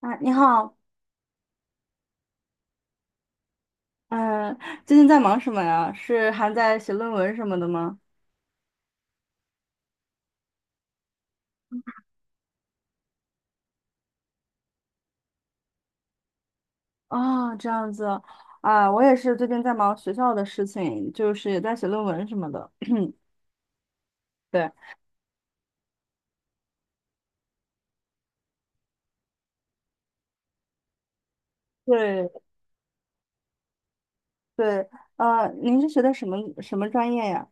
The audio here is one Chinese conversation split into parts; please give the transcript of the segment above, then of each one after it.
啊，你好。嗯，最近在忙什么呀？是还在写论文什么的吗？哦，这样子。啊，我也是最近在忙学校的事情，就是也在写论文什么的。对，对，对，您是学的什么专业呀？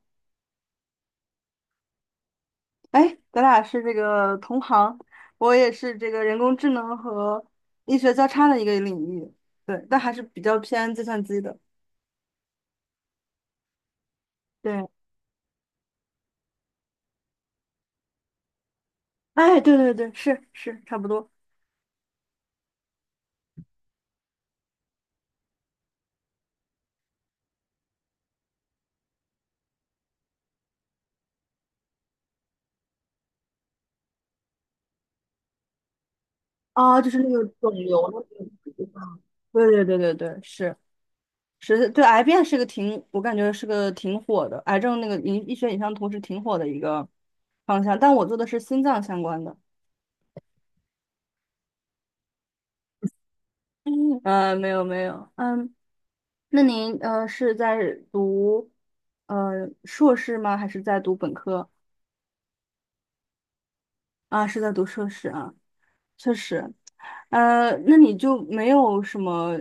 哎，咱俩是这个同行，我也是这个人工智能和医学交叉的一个领域。对，但还是比较偏计算机的。对，哎，对对对，是是，差不多。啊，就是那个肿瘤的那个，对对对对对，是是，对。癌变是个挺，我感觉是个挺火的。癌症那个医学影像图是挺火的一个方向，但我做的是心脏相关的。嗯，没有没有。嗯，那您是在读硕士吗？还是在读本科？啊，是在读硕士啊，确实。那你就没有什么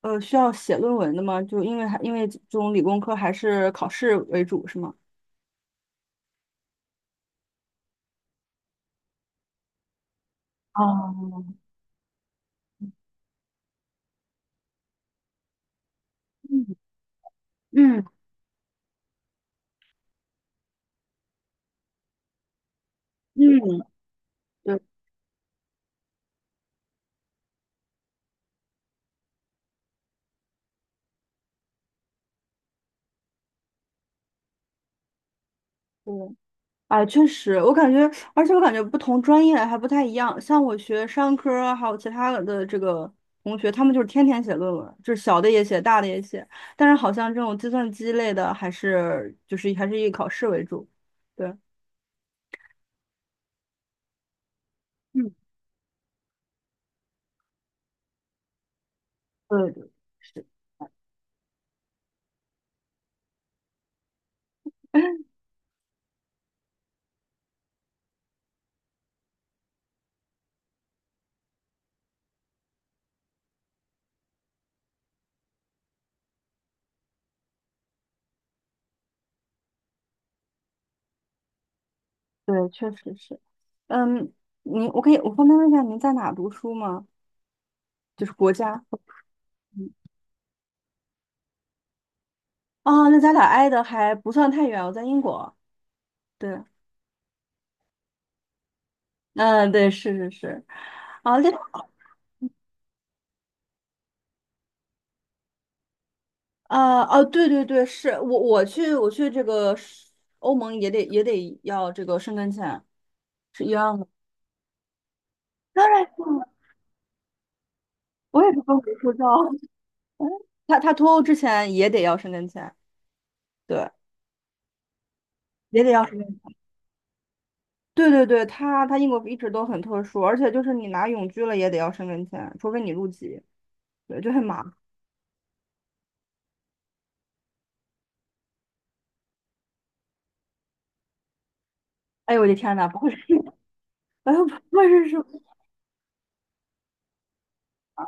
需要写论文的吗？就因为还因为这种理工科还是考试为主是吗？哦，嗯，嗯。嗯，对对。啊，确实，我感觉，而且我感觉不同专业还不太一样。像我学商科儿还有其他的这个同学，他们就是天天写论文，就是小的也写，大的也写。但是好像这种计算机类的，还是就是还是以考试为主。对，嗯，对对是，对，确实是。嗯，您，我可以，我方便问一下您在哪读书吗？就是国家。啊，那咱俩挨的还不算太远，我在英国。对。嗯，对，是是是。啊，那啊哦，对对对。是我去这个，是欧盟也得要这个申根签，是一样的。当然是了，我也是中国护照。他脱欧之前也得要申根签。对，也得要申根签。对对对，他英国一直都很特殊，而且就是你拿永居了也得要申根签，除非你入籍。对，就很麻烦。哎呦我的天呐，不会是。哎呦不会是啊，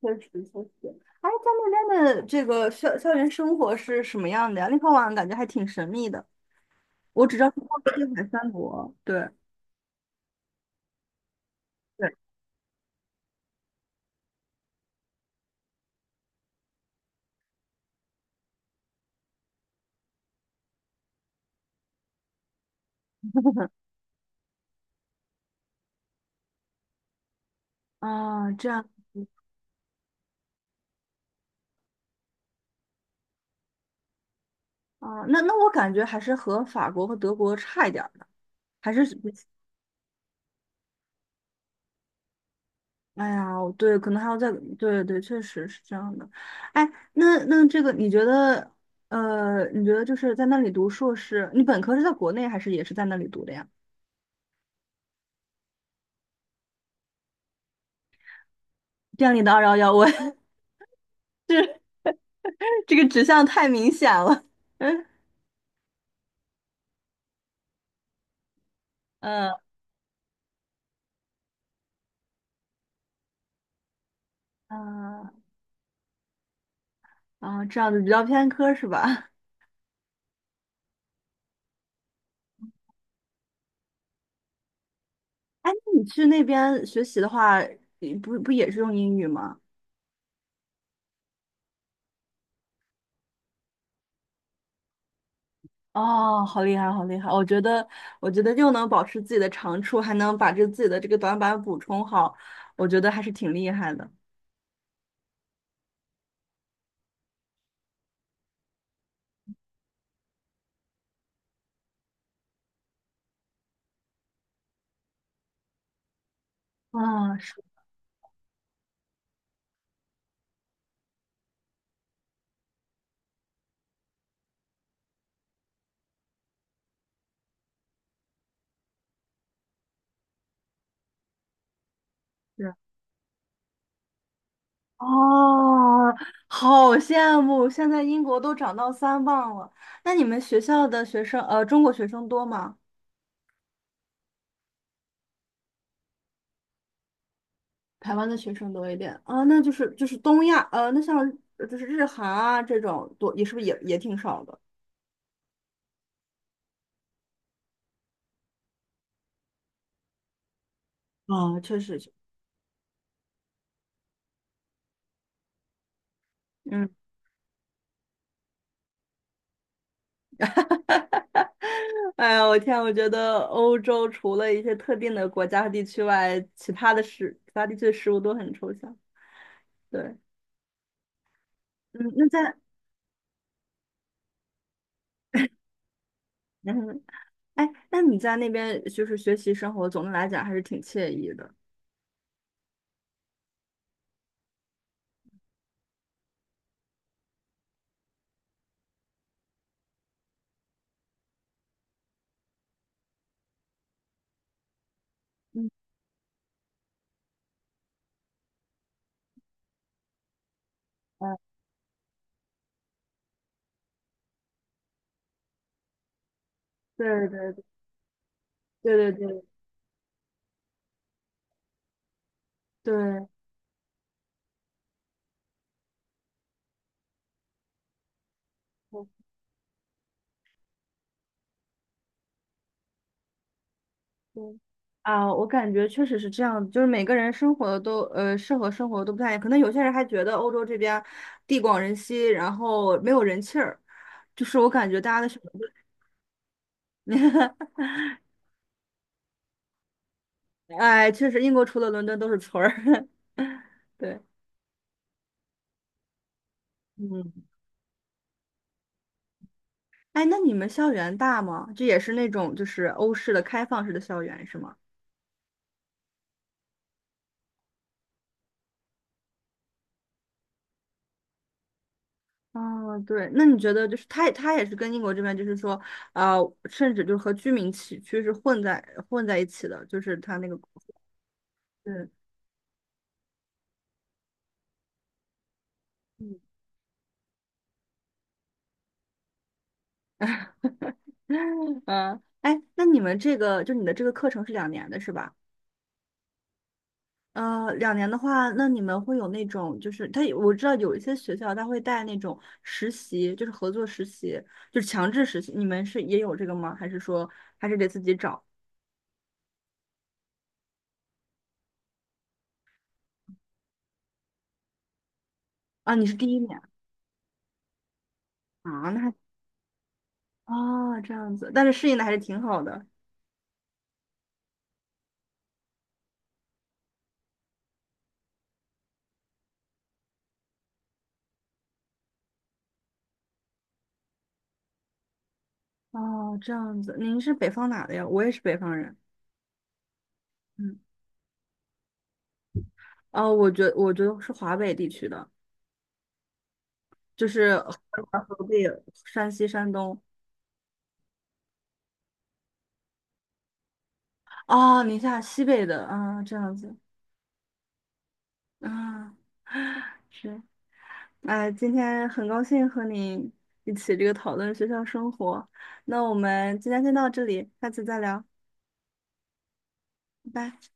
确实确实。哎，在那边的这个校园生活是什么样的呀？立陶宛感觉还挺神秘的，我只知道是波罗的海三国。对，对，啊，这样。啊，那我感觉还是和法国和德国差一点儿的，还是比 哎呀，我对，可能还要再，对对，确实是这样的。哎，那这个你觉得就是在那里读硕士，你本科是在国内还是也是在那里读的呀？这样你的211，我 这个指向太明显了。嗯。嗯，嗯啊，这样子比较偏科是吧？哎，那你去那边学习的话，你不也是用英语吗？哦，好厉害，好厉害！我觉得，又能保持自己的长处，还能把这自己的这个短板补充好，我觉得还是挺厉害的。啊，是是，哦，好羡慕！现在英国都长到3磅了。那你们学校的学生，中国学生多吗？台湾的学生多一点啊，那就是东亚，那像就是日韩啊这种多，也是不是也挺少的？啊，确实，嗯。哎呀，我天，我觉得欧洲除了一些特定的国家和地区外，其他地区的食物都很抽象。对，嗯，那在 嗯，哎，那你在那边就是学习生活，总的来讲还是挺惬意的。嗯，哎，对对对对对对。嗯啊，我感觉确实是这样，就是每个人生活的都适合生活的都不太一样，可能有些人还觉得欧洲这边地广人稀，然后没有人气儿，就是我感觉大家的选择。哎，确实英国除了伦敦都是村儿。对，嗯，哎，那你们校园大吗？这也是那种就是欧式的开放式的校园是吗？啊，对，那你觉得就是它也是跟英国这边就是说，啊，甚至就是和居民区是混在一起的，就是它那个。嗯。嗯，嗯，哎，那你们这个就你的这个课程是两年的是吧？两年的话，那你们会有那种就是我知道有一些学校他会带那种实习，就是合作实习，就是强制实习。你们是也有这个吗？还是说还是得自己找啊？你是第一年啊？那还哦，这样子，但是适应的还是挺好的。哦，这样子，您是北方哪的呀？我也是北方人。嗯，哦，我觉得是华北地区的。就是河南、河北、山西、山东。哦，宁夏西北的，啊，这样子，啊，是，哎，今天很高兴和你一起这个讨论学校生活，那我们今天先到这里，下次再聊，拜拜。